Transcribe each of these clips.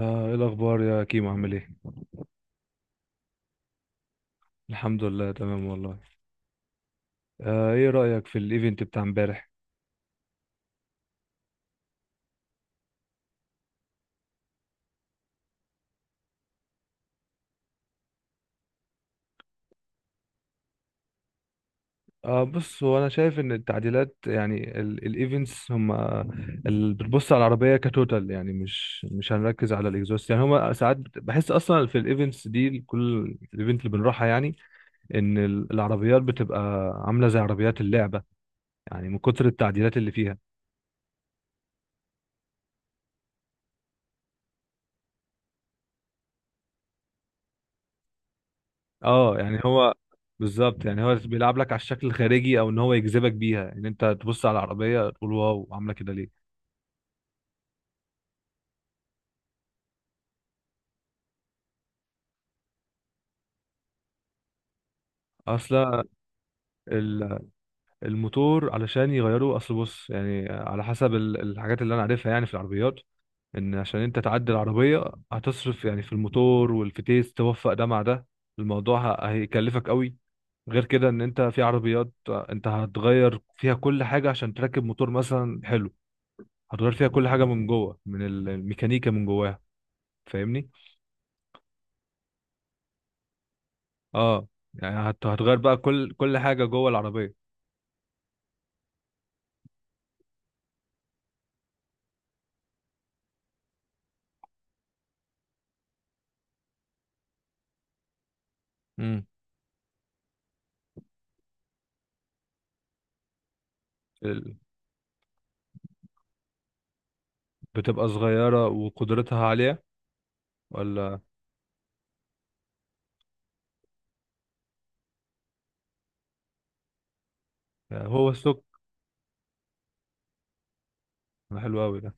ايه الاخبار يا كيمو؟ عامل ايه؟ الحمد لله، تمام والله. ايه رايك في الايفنت بتاع امبارح؟ آه، بص، هو انا شايف ان التعديلات، يعني الايفنتس هم اللي بتبص على العربيه كتوتال، يعني مش هنركز على الاكزوست، يعني هم ساعات بحس اصلا في الايفنتس دي، كل الايفنت اللي بنروحها يعني، ان العربيات بتبقى عامله زي عربيات اللعبه، يعني من كتر التعديلات اللي فيها. اه، يعني هو بالظبط، يعني هو بيلعب لك على الشكل الخارجي، او ان هو يجذبك بيها، ان انت تبص على العربيه تقول واو، عامله كده ليه؟ اصلا ال- الموتور علشان يغيروا، اصل بص، يعني على حسب الحاجات اللي انا عارفها يعني في العربيات، ان عشان انت تعدل العربيه، هتصرف يعني في الموتور والفتيس، توفق ده مع ده. الموضوع هيكلفك قوي. غير كده، ان انت في عربيات انت هتغير فيها كل حاجه عشان تركب موتور مثلا حلو، هتغير فيها كل حاجه من جوه، من الميكانيكا من جواها. فاهمني؟ اه، يعني هتغير بقى كل حاجة جوه العربية. امم. ال- بتبقى صغيرة وقدرتها عالية، ولا؟ يعني هو السوق. ده حلو أوي ده.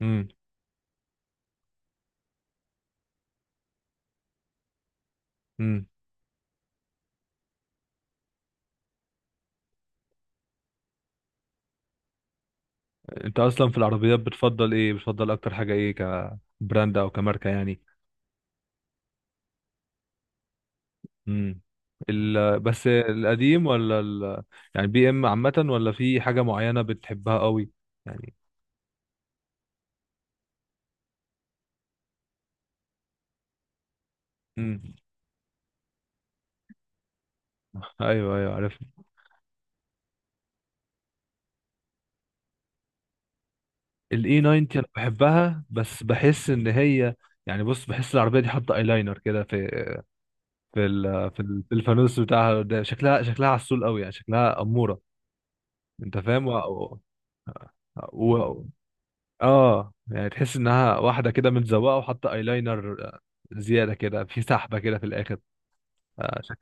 امم. امم. انت اصلا في العربيات بتفضل ايه؟ بتفضل اكتر حاجة ايه؟ كبراند او كماركة يعني؟ امم. بس القديم، ولا يعني بي ام عامة، ولا في حاجة معينة بتحبها قوي يعني؟ امم. ايوه، ايوه، عارف. الاي 90 انا بحبها، بس بحس ان هي، يعني بص، بحس العربيه دي حاطه ايلاينر كده في في الفانوس بتاعها، ده شكلها عسول قوي يعني، شكلها اموره. انت فاهم. و... اه يعني تحس انها واحده كده متزوقه وحاطه ايلاينر زياده كده، في سحبه كده في الاخر. آه، شك...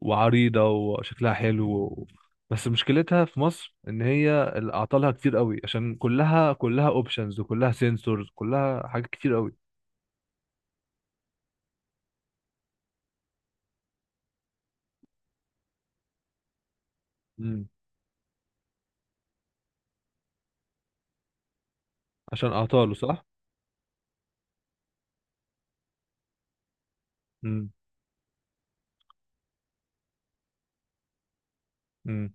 وعريضه وشكلها حلو بس مشكلتها في مصر ان هي اعطالها كتير قوي، عشان كلها اوبشنز، وكلها سنسورز، كلها حاجات كتير قوي، عشان اعطاله صح. امم. امم.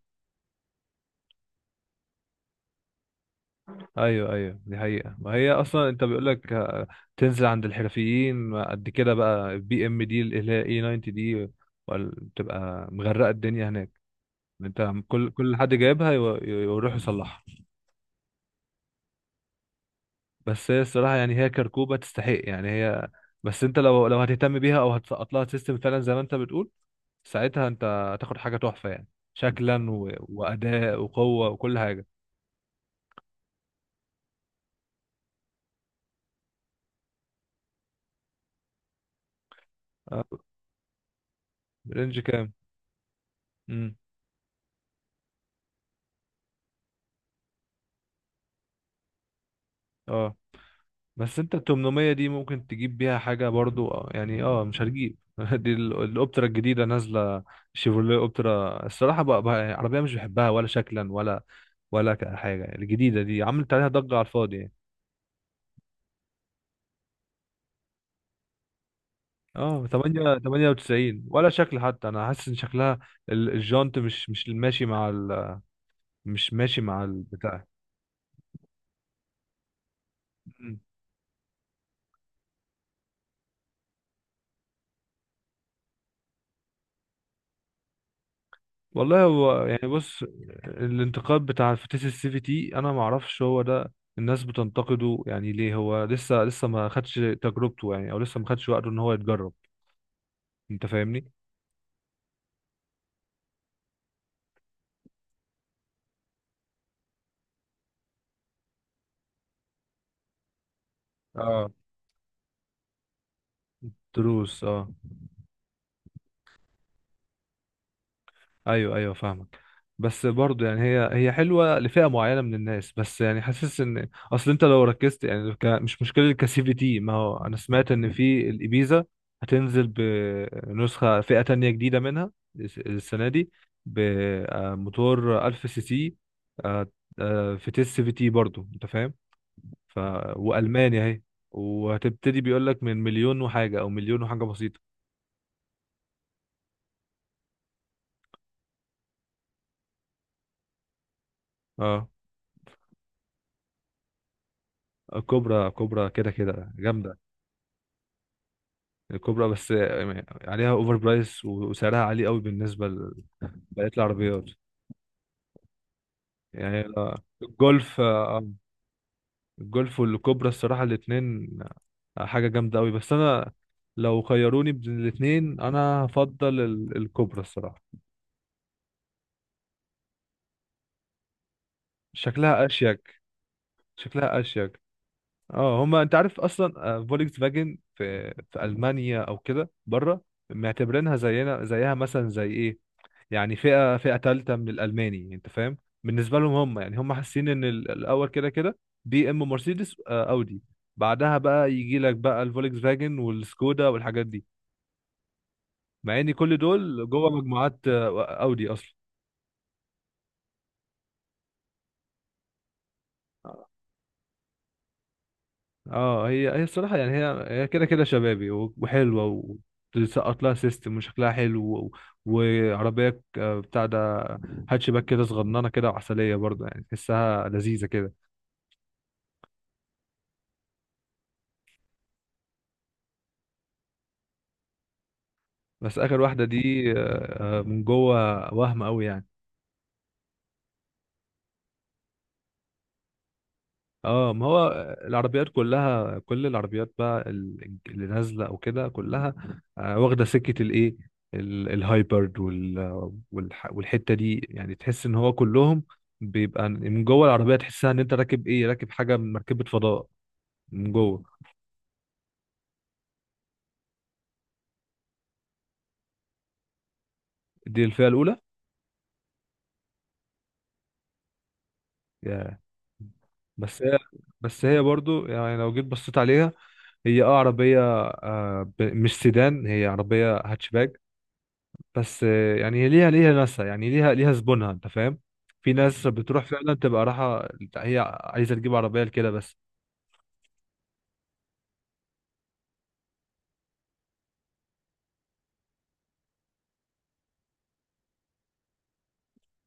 ايوه ايوه، دي حقيقة. ما هي اصلا انت بيقول لك، تنزل عند الحرفيين قد كده، بقى بي ام دي اللي هي اي 90 دي، بتبقى مغرقة الدنيا هناك. انت، كل حد جايبها يروح يصلحها. بس هي الصراحة، يعني هي كركوبة تستحق، يعني هي، بس انت لو هتهتم بيها، او هتسقط لها سيستم فعلا زي ما انت بتقول، ساعتها انت هتاخد حاجة تحفة يعني، شكلا واداء وقوة وكل حاجة. آه، رينج كام؟ امم. آه. بس انت ال 800 دي ممكن تجيب بيها حاجة برضو، يعني مش هتجيب دي الاوبترا الجديدة نازلة. شيفروليه اوبترا الصراحة، بقى عربية مش بحبها، ولا شكلا، ولا ولا حاجة. الجديدة دي عملت عليها ضجة على الفاضي يعني. اه، 8 98، ولا شكل حتى، انا حاسس ان شكلها، الجانت مش ماشي مع مش ماشي مع البتاع. والله، هو يعني بص، الانتقاد بتاع الفتيس السي في تي، انا ما اعرفش هو ده الناس بتنتقده يعني ليه. هو لسه ما خدش تجربته يعني، او لسه ما خدش وقته ان هو يتجرب. انت فاهمني؟ اه، دروس، اه. ايوه ايوه، فاهمك. بس برضه يعني هي حلوه لفئه معينه من الناس، بس يعني حاسس ان اصل انت لو ركزت يعني، مش مشكله الكسي في تي. ما هو انا سمعت ان في الابيزا هتنزل بنسخه فئه تانية جديده منها السنه دي، بموتور 1000 سي سي، آه، في تيست في تي برضه، انت فاهم. ف والمانيا اهي. وهتبتدي بيقول لك من مليون وحاجه، او مليون وحاجه بسيطه. اه، كوبرا، كوبرا كده، كده جامده. الكوبرا بس عليها اوفر برايس، وسعرها عالي قوي بالنسبه لبقيه العربيات، يعني الجولف، الجولف والكوبرا الصراحه الاثنين حاجه جامده قوي، بس انا لو خيروني بين الاثنين انا هفضل الكوبرا الصراحه. شكلها اشيك. شكلها اشيك. اه، هما انت عارف اصلا، فولكس فاجن في المانيا او كده بره معتبرينها زينا زيها، مثلا زي ايه؟ يعني فئة تالتة من الألماني، أنت فاهم؟ بالنسبة لهم هم، يعني هم حاسين إن الأول كده كده بي إم، مرسيدس، أودي، بعدها بقى يجي لك بقى الفولكس فاجن والسكودا والحاجات دي، مع إن كل دول جوه مجموعات، أودي أصلا. اه، هي الصراحة، يعني هي كده كده شبابي وحلوة، وتسقط لها سيستم وشكلها حلو وعربية، بتاع ده، هاتشباك كده، صغننة كده وعسلية برضه، يعني تحسها لذيذة كده. بس اخر واحده دي من جوه، وهم قوي يعني. اه، ما هو العربيات كلها، كل العربيات بقى اللي نازله او كده كلها واخده سكه الايه؟ الهايبرد والحته دي يعني تحس ان هو كلهم بيبقى من جوه العربيه، تحسها ان انت راكب ايه، راكب حاجه من مركبه فضاء من جوه. دي الفئه الاولى. يا. بس هي بس هي برضو، يعني لو جيت بصيت عليها، هي اه عربية، مش سيدان، هي عربية هاتشباك. بس يعني هي ليها ناسها، يعني ليها زبونها، انت فاهم؟ في ناس بتروح فعلا تبقى رايحة، هي عايزة تجيب عربية لكده بس.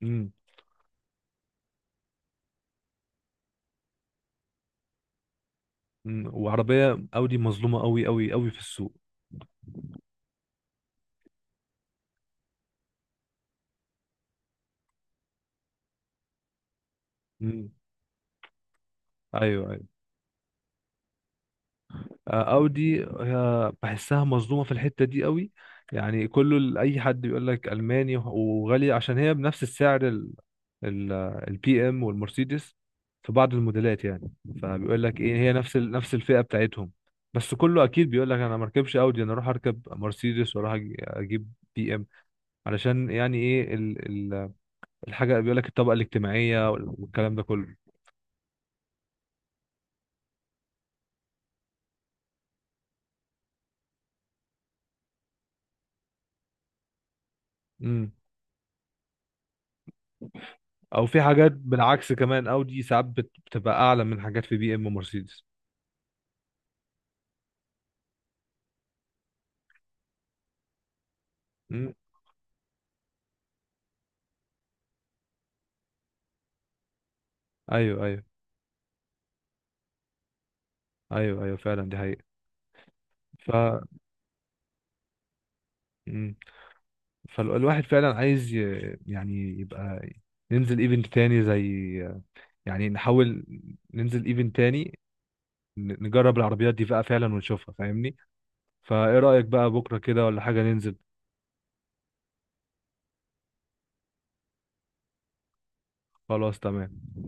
امم. أمم. وعربية اودي مظلومة قوي قوي قوي في السوق. امم. ايوه، ايوه. اودي، بحسها مظلومه في الحته دي قوي، يعني كله، اي حد بيقول لك الماني وغالي، عشان هي بنفس السعر ال ال البي ام والمرسيدس في بعض الموديلات يعني، فبيقول لك ايه، هي نفس نفس الفئه بتاعتهم. بس كله اكيد بيقول لك انا ما اركبش اودي، انا اروح اركب مرسيدس، واروح اجيب بي ام، علشان يعني ايه ال ال الحاجه، بيقول لك الطبقه الاجتماعيه والكلام ده كله. او في حاجات بالعكس كمان، اودي ساعات بتبقى اعلى من حاجات في بي ام ومرسيدس. مم. ايوه، ايوه، ايوه، ايوه، فعلا دي حقيقة. ف مم. فالواحد فعلا عايز يعني يبقى ننزل ايفنت تاني، زي يعني نحاول ننزل ايفنت تاني، نجرب العربيات دي بقى فعلا، ونشوفها. فاهمني؟ فايه رأيك بقى بكرة كده، ولا حاجة ننزل؟ خلاص، تمام.